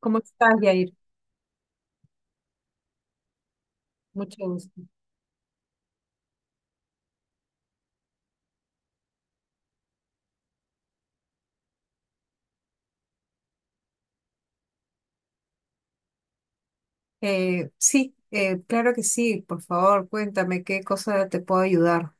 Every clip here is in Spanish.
¿Cómo estás, Yair? Mucho gusto. Sí, claro que sí. Por favor, cuéntame qué cosa te puedo ayudar.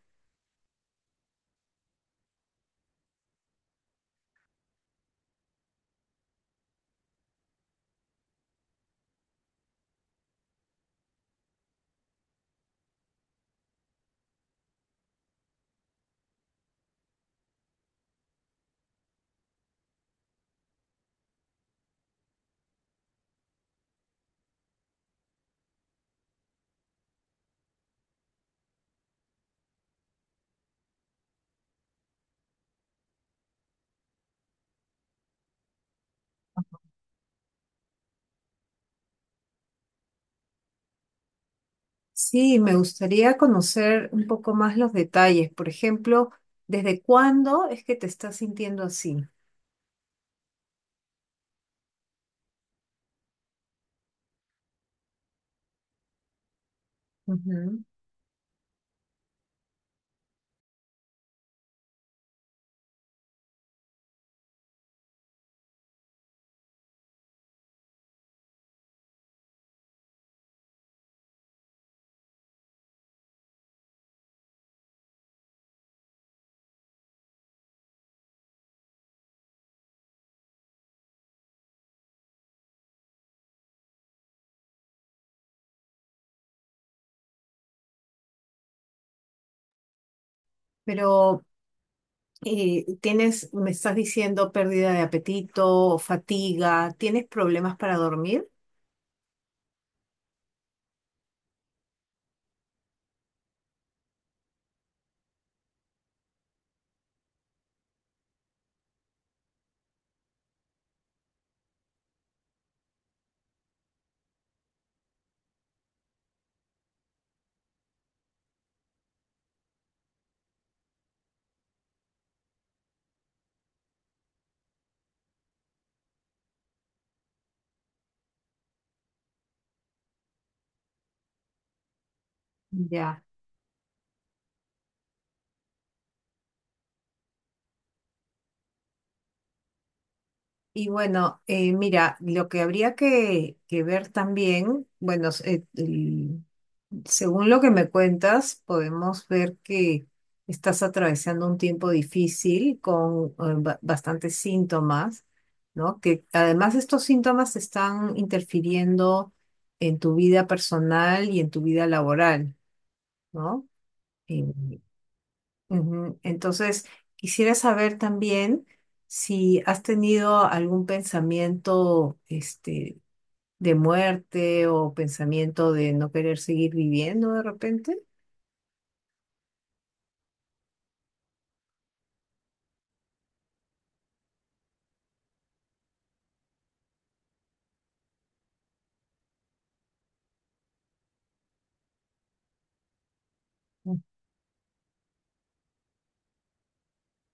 Sí, me gustaría conocer un poco más los detalles. Por ejemplo, ¿desde cuándo es que te estás sintiendo así? Ujú. Pero tienes, me estás diciendo pérdida de apetito, fatiga, ¿tienes problemas para dormir? Ya. Y bueno, mira, lo que habría que ver también, Según lo que me cuentas, podemos ver que estás atravesando un tiempo difícil con bastantes síntomas, ¿no? Que además estos síntomas están interfiriendo en tu vida personal y en tu vida laboral, ¿no? Eh, ujú. Entonces, quisiera saber también si has tenido algún pensamiento, este, de muerte o pensamiento de no querer seguir viviendo de repente.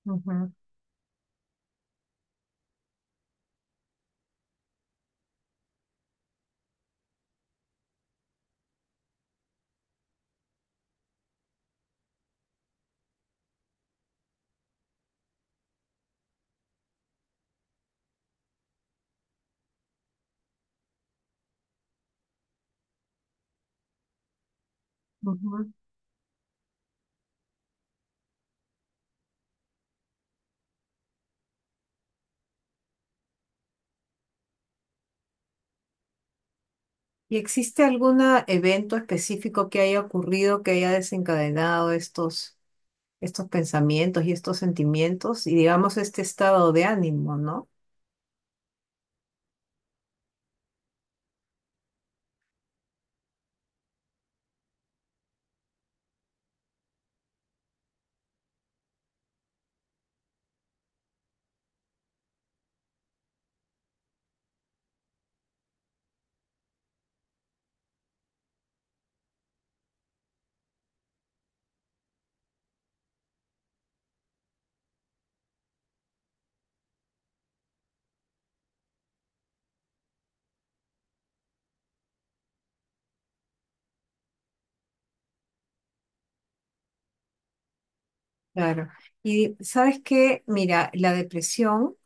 Ujú, ujú. ¿Y existe algún evento específico que haya ocurrido que haya desencadenado estos pensamientos y estos sentimientos y digamos este estado de ánimo, ¿no? Claro. Y sabes que, mira, la depresión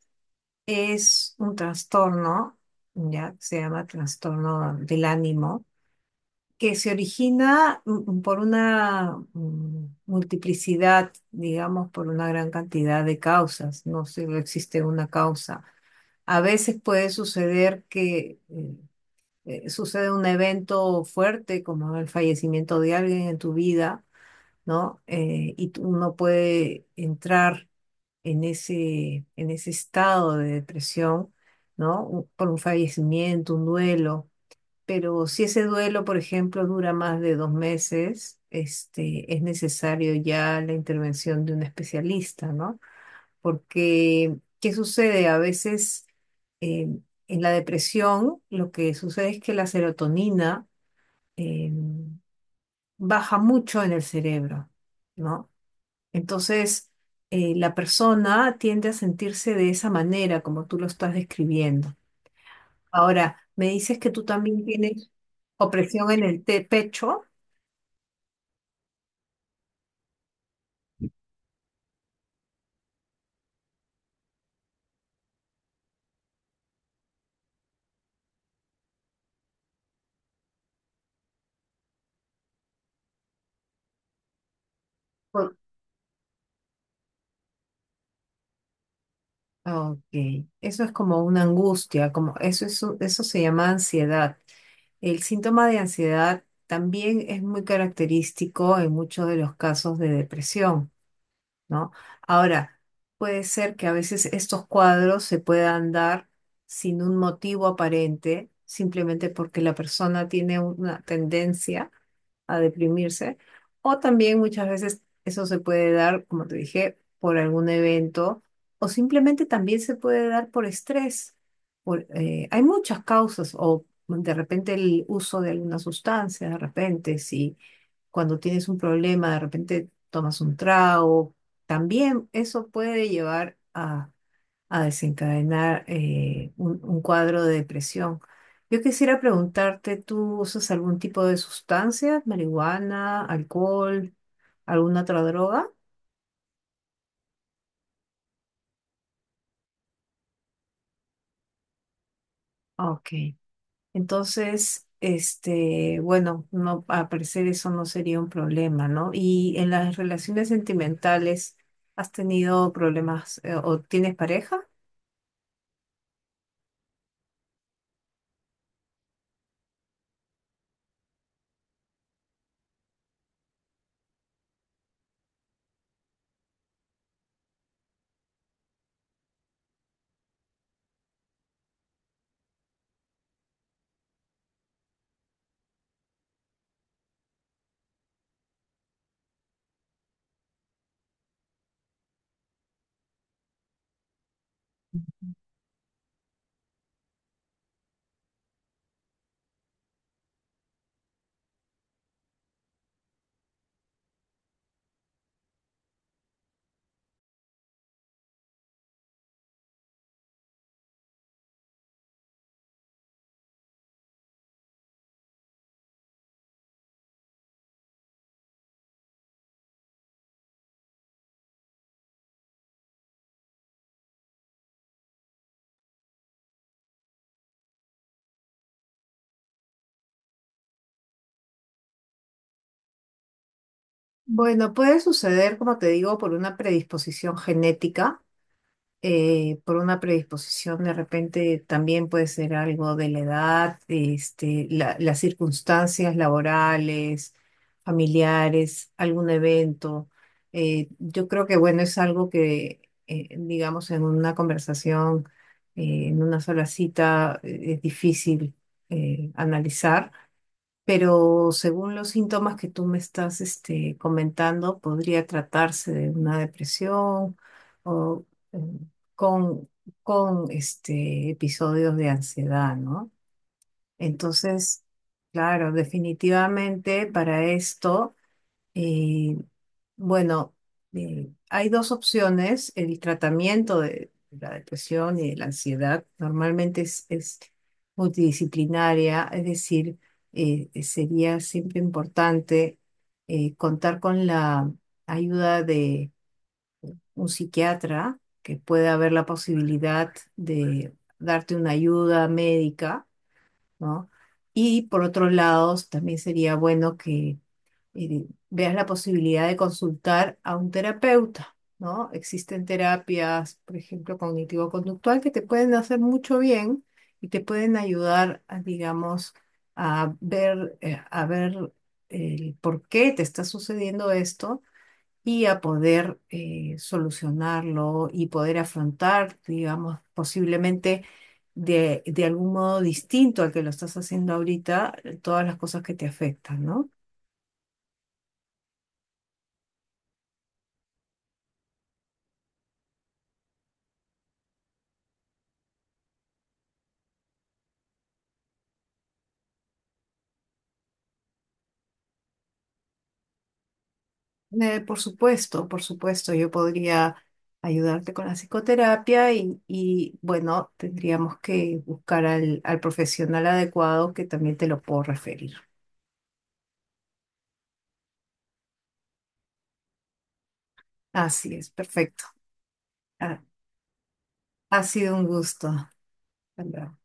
es un trastorno, ya se llama trastorno del ánimo, que se origina por una multiplicidad, digamos, por una gran cantidad de causas, no solo existe una causa. A veces puede suceder que sucede un evento fuerte como el fallecimiento de alguien en tu vida, ¿no? Uno puede entrar en en ese estado de depresión, ¿no? Por un fallecimiento, un duelo. Pero si ese duelo, por ejemplo, dura más de dos meses, este, es necesario ya la intervención de un especialista, ¿no? Porque ¿qué sucede? A veces eh, en la depresión lo que sucede es que la serotonina eh, baja mucho en el cerebro, ¿no? Entonces, la persona tiende a sentirse de esa manera, como tú lo estás describiendo. Ahora, me dices que tú también tienes opresión en el pecho. Por- Ok, eso es como una angustia, como eso, eso se llama ansiedad. El síntoma de ansiedad también es muy característico en muchos de los casos de depresión, ¿no? Ahora, puede ser que a veces estos cuadros se puedan dar sin un motivo aparente, simplemente porque la persona tiene una tendencia a deprimirse. O también muchas veces eso se puede dar, como te dije, por algún evento o simplemente también se puede dar por estrés. Por, hay muchas causas o de repente el uso de alguna sustancia, de repente si cuando tienes un problema de repente tomas un trago, también eso puede llevar a desencadenar un cuadro de depresión. Yo quisiera preguntarte, ¿tú usas algún tipo de sustancia, marihuana, alcohol, alguna otra droga? Ok. Entonces, este, bueno, no, al parecer eso no sería un problema, ¿no? Y en las relaciones sentimentales, ¿has tenido problemas o tienes pareja? Bueno, puede suceder, como te digo, por una predisposición genética. Eh, por una predisposición, de repente también puede ser algo de la edad, este, las circunstancias laborales, familiares, algún evento. Yo creo que, bueno, es algo que, digamos, en una conversación, en una sola cita, es difícil analizar, pero según los síntomas que tú me estás este, comentando, podría tratarse de una depresión o mm, con, con este, episodios de ansiedad, ¿no? Entonces, claro, definitivamente para esto. Eh, bueno, hay dos opciones. El tratamiento de la depresión y de la ansiedad normalmente es multidisciplinaria, es decir, sería siempre importante contar con la ayuda de un psiquiatra que pueda haber la posibilidad de darte una ayuda médica, ¿no? Y por otro lado, también sería bueno que y veas la posibilidad de consultar a un terapeuta, ¿no? Existen terapias, por ejemplo, cognitivo-conductual, que te pueden hacer mucho bien y te pueden ayudar, a, digamos, a ver el por qué te está sucediendo esto y a poder solucionarlo y poder afrontar, digamos, posiblemente de algún modo distinto al que lo estás haciendo ahorita, todas las cosas que te afectan, ¿no? Por supuesto, yo podría ayudarte con la psicoterapia y, bueno, tendríamos que buscar al profesional adecuado que también te lo puedo referir. Así es, perfecto. Ha, ha sido un gusto. Hasta luego.